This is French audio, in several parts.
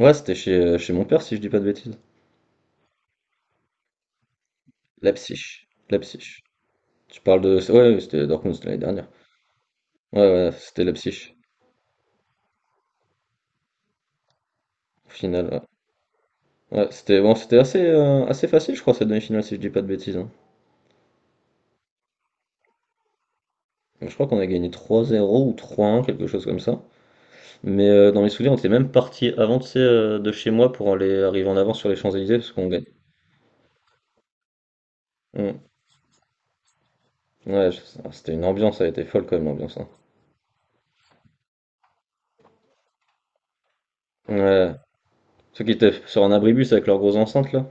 Ouais, c'était chez mon père, si je dis pas de bêtises. Leipzig. Leipzig. Tu parles de. Ouais, ouais, c'était Dortmund, c'était l'année dernière. Ouais, ouais, c'était Leipzig. Au final, ouais. Ouais, c'était bon, c'était assez facile, je crois, cette demi-finale, si je dis pas de bêtises, hein. Donc, je crois qu'on a gagné 3-0 ou 3-1, quelque chose comme ça. Mais dans mes souvenirs, on était même parti avant, tu sais, de chez moi pour aller arriver en avant sur les Champs-Élysées, parce qu'on gagne. Mm. Ouais, ah, c'était une ambiance, ça a été folle quand même, l'ambiance, hein. Ouais. Ceux qui étaient sur un abribus avec leurs grosses enceintes, là.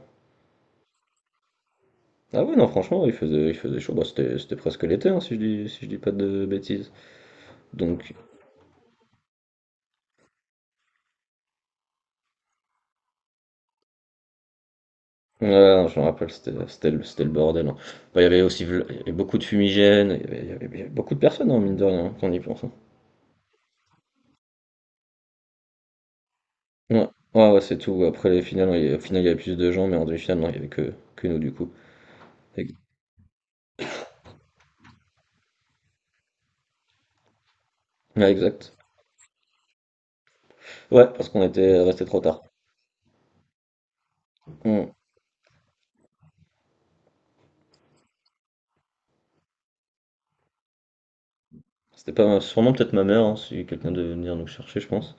Ah ouais, non, franchement, il faisait chaud. Bah, c'était presque l'été, hein, si je dis pas de bêtises. Donc, ouais, non, je me rappelle, c'était le bordel, hein. Bah, il y avait aussi il y avait beaucoup de fumigènes, il y avait, il y avait- il y avait beaucoup de personnes, hein, mine de rien, hein, quand on y pense, hein. Ouais, ouais, ouais, c'est tout. Après les finales, au final, il y avait plus de gens, mais en demi-finale, non, il y avait que nous, du coup. Ex- Ouais, exact. Ouais, parce qu'on était resté trop tard. Hmm. C'était pas, sûrement peut-être ma mère, hein, si quelqu'un devait venir nous chercher, je pense.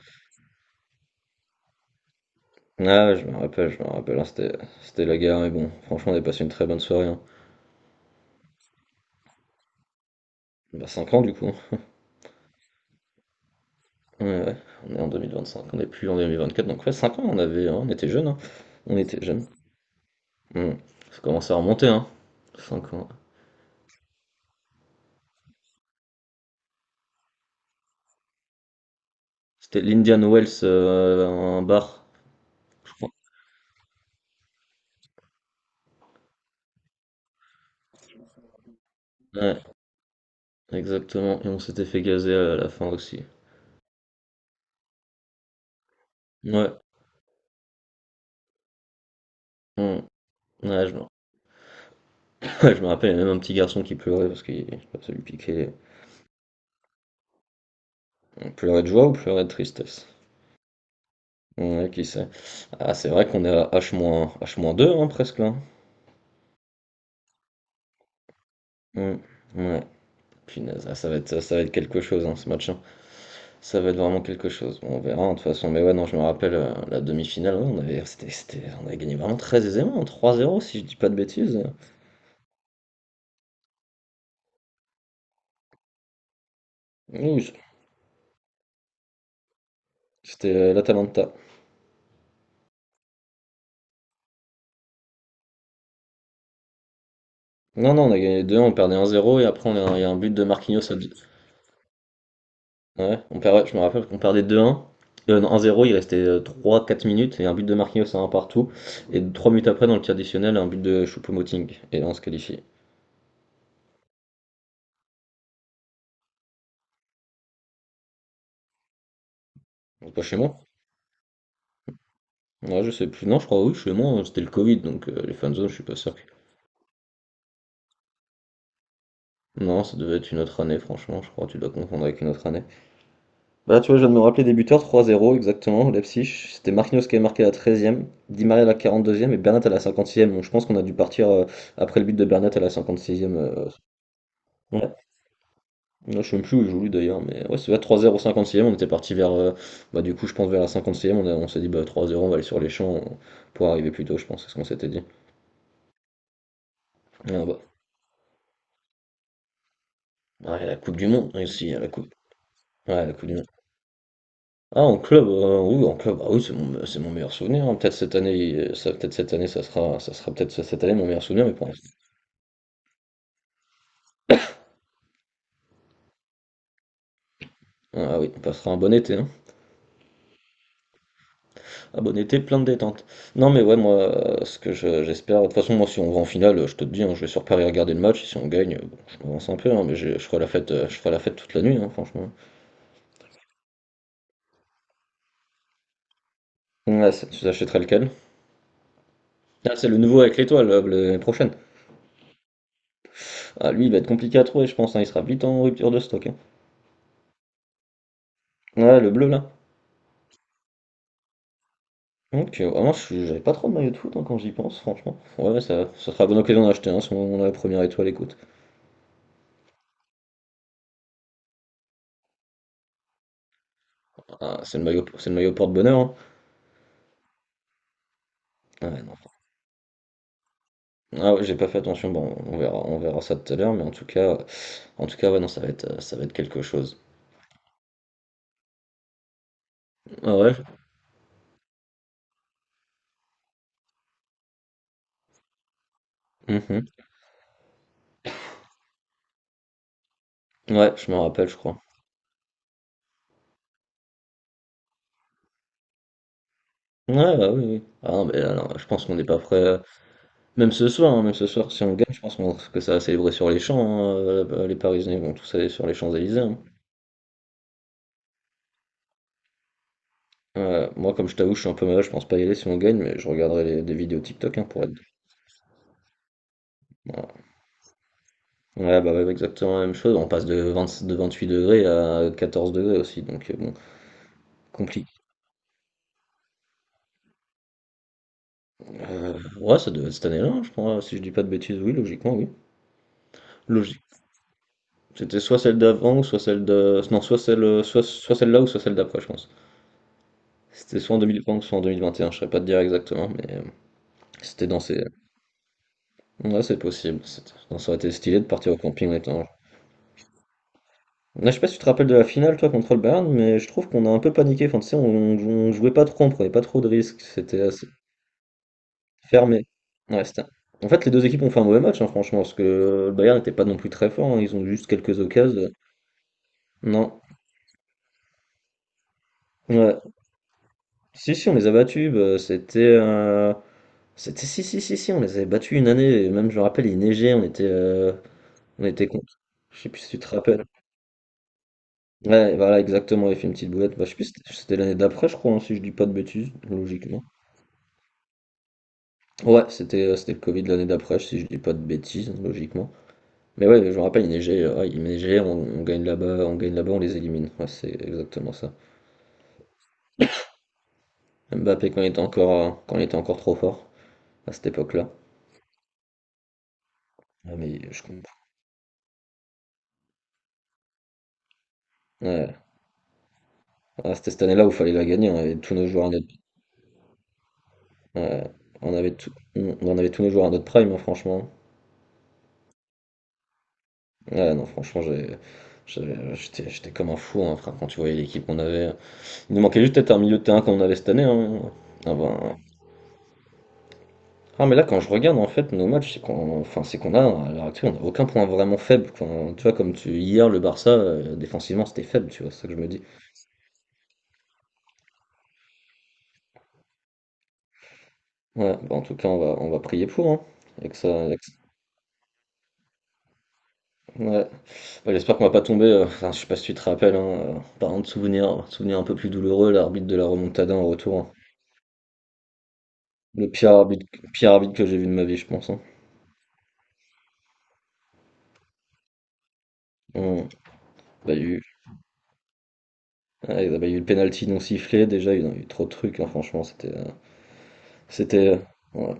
Ah, je me rappelle, hein, c'était la guerre, mais bon, franchement, on a passé une très bonne soirée, hein. Bah 5 ans du coup. Ouais, ouais. On est en 2025, on n'est plus en 2024, donc ouais, 5 ans on avait, hein, on était jeunes, hein. On était jeunes. Hmm. Ça commence à remonter, hein. 5 ans. C'était l'Indian Wells, un bar, je crois. Ouais, exactement. Et on s'était fait gazer à la fin aussi. Ouais. Hmm. Ouais, ouais, je me rappelle, il y avait même un petit garçon qui pleurait parce qu'il ça lui piquait. On pleurait de joie ou pleurait de tristesse? Ouais, qui sait. Ah, c'est vrai qu'on est à h deux, hein, presque là. Hmm. Ouais. Punaise, ah, ça va être quelque chose, hein, ce match, hein. Ça va être vraiment quelque chose. Bon, on verra, hein, de toute façon. Mais ouais, non, je me rappelle la demi-finale. Ouais, on avait gagné vraiment très aisément, hein, 3-0, si je dis pas de bêtises. Oui, c'était l'Atalanta. Non, non, on a gagné 2-1, on perdait 1-0. Et après, il y a un but de Marquinhos à dix- Ouais, ouais, je me rappelle qu'on perdait 2-1. Non, 1-0, il restait 3 4 minutes. Et un but de Marquinhos à un partout. Et 3 minutes après, dans le tir additionnel, un but de Choupo-Moting. Et là, on se qualifie. C'est pas chez moi. Ouais, je sais plus. Non, je crois, oui, chez moi, c'était le Covid, donc les fanzones, je suis pas sûr que- Non, ça devait être une autre année, franchement, je crois, tu dois confondre avec une autre année. Bah, tu vois, je viens de me rappeler débuteur, 3-0, exactement, Leipzig. C'était Marquinhos qui avait marqué à la 13e, Di Maria à la 42e et Bernat à la 56e. Donc, je pense qu'on a dû partir après le but de Bernat à la 56e, ouais. Là, je sais même plus où il joue, lui, d'ailleurs, mais ouais, c'était 3-0, 56e. On était parti vers, bah, du coup, je pense vers la 56e. On s'est dit, bah, 3-0, on va aller sur les champs, pour arriver plus tôt, je pense, c'est ce qu'on s'était dit. Ah, bah. Ouais, la Coupe du Monde, ici, la Coupe ouais, la Coupe du Monde. Ah, en club, oui, en club, ah oui, c'est mon meilleur souvenir, hein. Peut-être cette année, peut-être cette année, ça sera peut-être cette année mon meilleur souvenir, mais pour l'instant. Ah oui, on passera un bon été, hein. Un bon été, plein de détente. Non, mais ouais, moi, ce que j'espère, de toute façon, moi, si on va en finale, je te le dis, hein, je vais sur Paris regarder le match. Et si on gagne, bon, je m'avance un peu, hein, mais je ferai la fête, je ferai la fête toute la nuit, hein, franchement. Ouais, tu achèterais lequel? Ah, c'est le nouveau avec l'étoile, l'année prochaine. Ah, lui, il va être compliqué à trouver, je pense, hein, il sera vite en rupture de stock, hein. Ouais, le bleu là. Ok, ouais, moi j'avais pas trop de maillot de foot, hein, quand j'y pense, franchement. Ouais, ouais, ça sera la bonne occasion d'en acheter un si on a la première étoile, écoute. Ah, c'est le maillot porte-bonheur, hein. Ah, ouais, non. Ah ouais, j'ai pas fait attention, bon, on verra ça tout à l'heure, mais en tout cas, ouais, non, ça va être quelque chose. Ah ouais, mhm. Ouais, je me rappelle, je crois. Ouais, bah oui, oui. Ah non, mais là, non, je pense qu'on n'est pas prêt, même ce soir, hein, même ce soir, si on gagne, je pense que ça va célébrer sur les champs, hein, les Parisiens vont tous aller sur les Champs-Élysées, hein. Ouais, moi, comme je t'avoue, je suis un peu malade, je pense pas y aller si on gagne, mais je regarderai des vidéos TikTok, hein, pour être. Voilà. Ouais, bah ouais, exactement la même chose. On passe 20 de 28 degrés à 14 degrés aussi, donc bon, compliqué. Ouais, ça devait être cette année-là, hein, je crois, si je dis pas de bêtises, oui, logiquement, oui. Logique. C'était soit celle d'avant, ou soit celle de. Non, soit celle, soit celle-là ou soit celle d'après, je pense. C'était soit en 2020 soit en 2021, je saurais pas te dire exactement, mais c'était dans ces. Ouais, c'est possible. Ça aurait été stylé de partir au camping en étant. Là, je sais pas si tu te rappelles de la finale, toi, contre le Bayern, mais je trouve qu'on a un peu paniqué. Enfin, tu sais, on jouait pas trop, on prenait pas trop de risques. C'était assez fermé. Ouais, En fait, les deux équipes ont fait un mauvais match, hein, franchement, parce que le Bayern n'était pas non plus très fort, hein. Ils ont juste quelques occasions. Non. Ouais. Si, si, on les a battus. Bah, c'était, c'était. Si, si, si, si, on les avait battus une année. Et même, je me rappelle, il neigeait, on était, on était contre. Je sais plus si tu te rappelles. Ouais, voilà, exactement. Il fait une petite boulette. Bah, je sais plus, si c'était l'année d'après, je crois, hein, si je dis pas de bêtises, logiquement. Ouais, c'était le Covid l'année d'après, si je dis pas de bêtises, logiquement. Mais ouais, je me rappelle, il neigeait, ouais, il neigeait, on gagne là-bas, on gagne là-bas, on les élimine. Ouais, c'est exactement ça. Mbappé quand il était encore trop fort, à cette époque-là. Ah, mais je comprends. Ouais. Ah, c'était cette année-là où il fallait la gagner, on avait tous nos joueurs à notre... Ouais, on avait tous nos joueurs à notre prime, hein, franchement. Ouais, non, franchement, j'ai... J'étais comme un fou, hein, frère, quand tu voyais l'équipe qu'on avait. Il nous manquait juste peut-être un milieu de terrain qu'on avait cette année, hein. Ah ben, non mais là quand je regarde en fait nos matchs, c'est qu'on enfin, c'est qu'on a à l'heure actuelle on a aucun point vraiment faible. Quand, tu vois, comme tu, hier le Barça défensivement c'était faible, tu vois, c'est ça que je me dis. Ouais, bah, en tout cas on va, prier pour, hein, et que ça, et ouais. Ouais, j'espère qu'on va pas tomber, enfin, je sais pas si tu te rappelles, hein, parlant de souvenirs, souvenirs un peu plus douloureux, l'arbitre de la remontada en retour, hein. Le pire arbitre que j'ai vu de ma vie, je pense, hein. Hum, bah, il y a eu, ouais, bah, il y a eu le penalty non sifflé, déjà il y a eu trop de trucs, hein, franchement, c'était, c'était, ouais.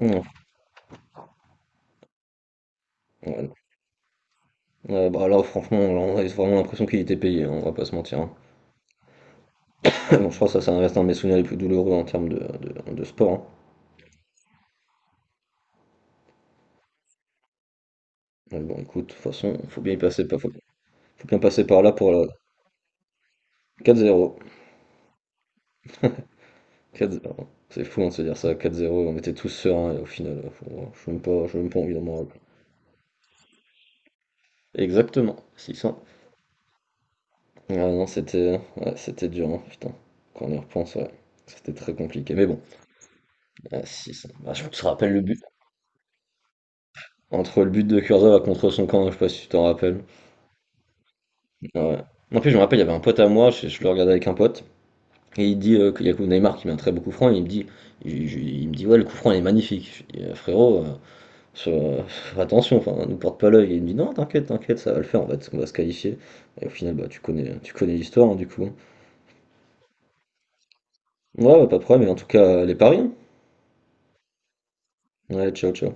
Hum, ouais. Bah là, franchement, là, on avait vraiment l'impression qu'il était payé, hein, on va pas se mentir, hein. Bon, je crois que ça reste un de mes souvenirs les plus douloureux en termes de sport, hein. Mais bon, écoute, de toute façon, faut bien y passer, faut bien passer par là pour la 4-0. 4-0. C'est fou, hein, de se dire ça, 4-0, on était tous sereins, et au final, je même pas envie d'en moral. Exactement, 600. Ah non, c'était ouais, c'était dur, hein, putain. Quand on y repense, ouais, c'était très compliqué. Mais bon, ah, 600. Ah, je te rappelle le but. Entre le but de Kurzawa contre son camp, je sais pas si tu t'en rappelles. Ouais. En plus, je me rappelle, il y avait un pote à moi, je le regardais avec un pote, et il dit qu'il y a Neymar qui met un très beau coup franc, et il me dit, il me dit, ouais, le coup franc il est magnifique. Je dis, frérot, sur- euh, attention, enfin, nous porte pas l'œil. Et il me dit, non, t'inquiète, t'inquiète, ça va le faire, on va se qualifier. Et au final, bah, tu connais l'histoire, hein, du coup. Ouais, ouais, pas de problème, mais en tout cas, les paris, hein. Ouais, ciao, ciao.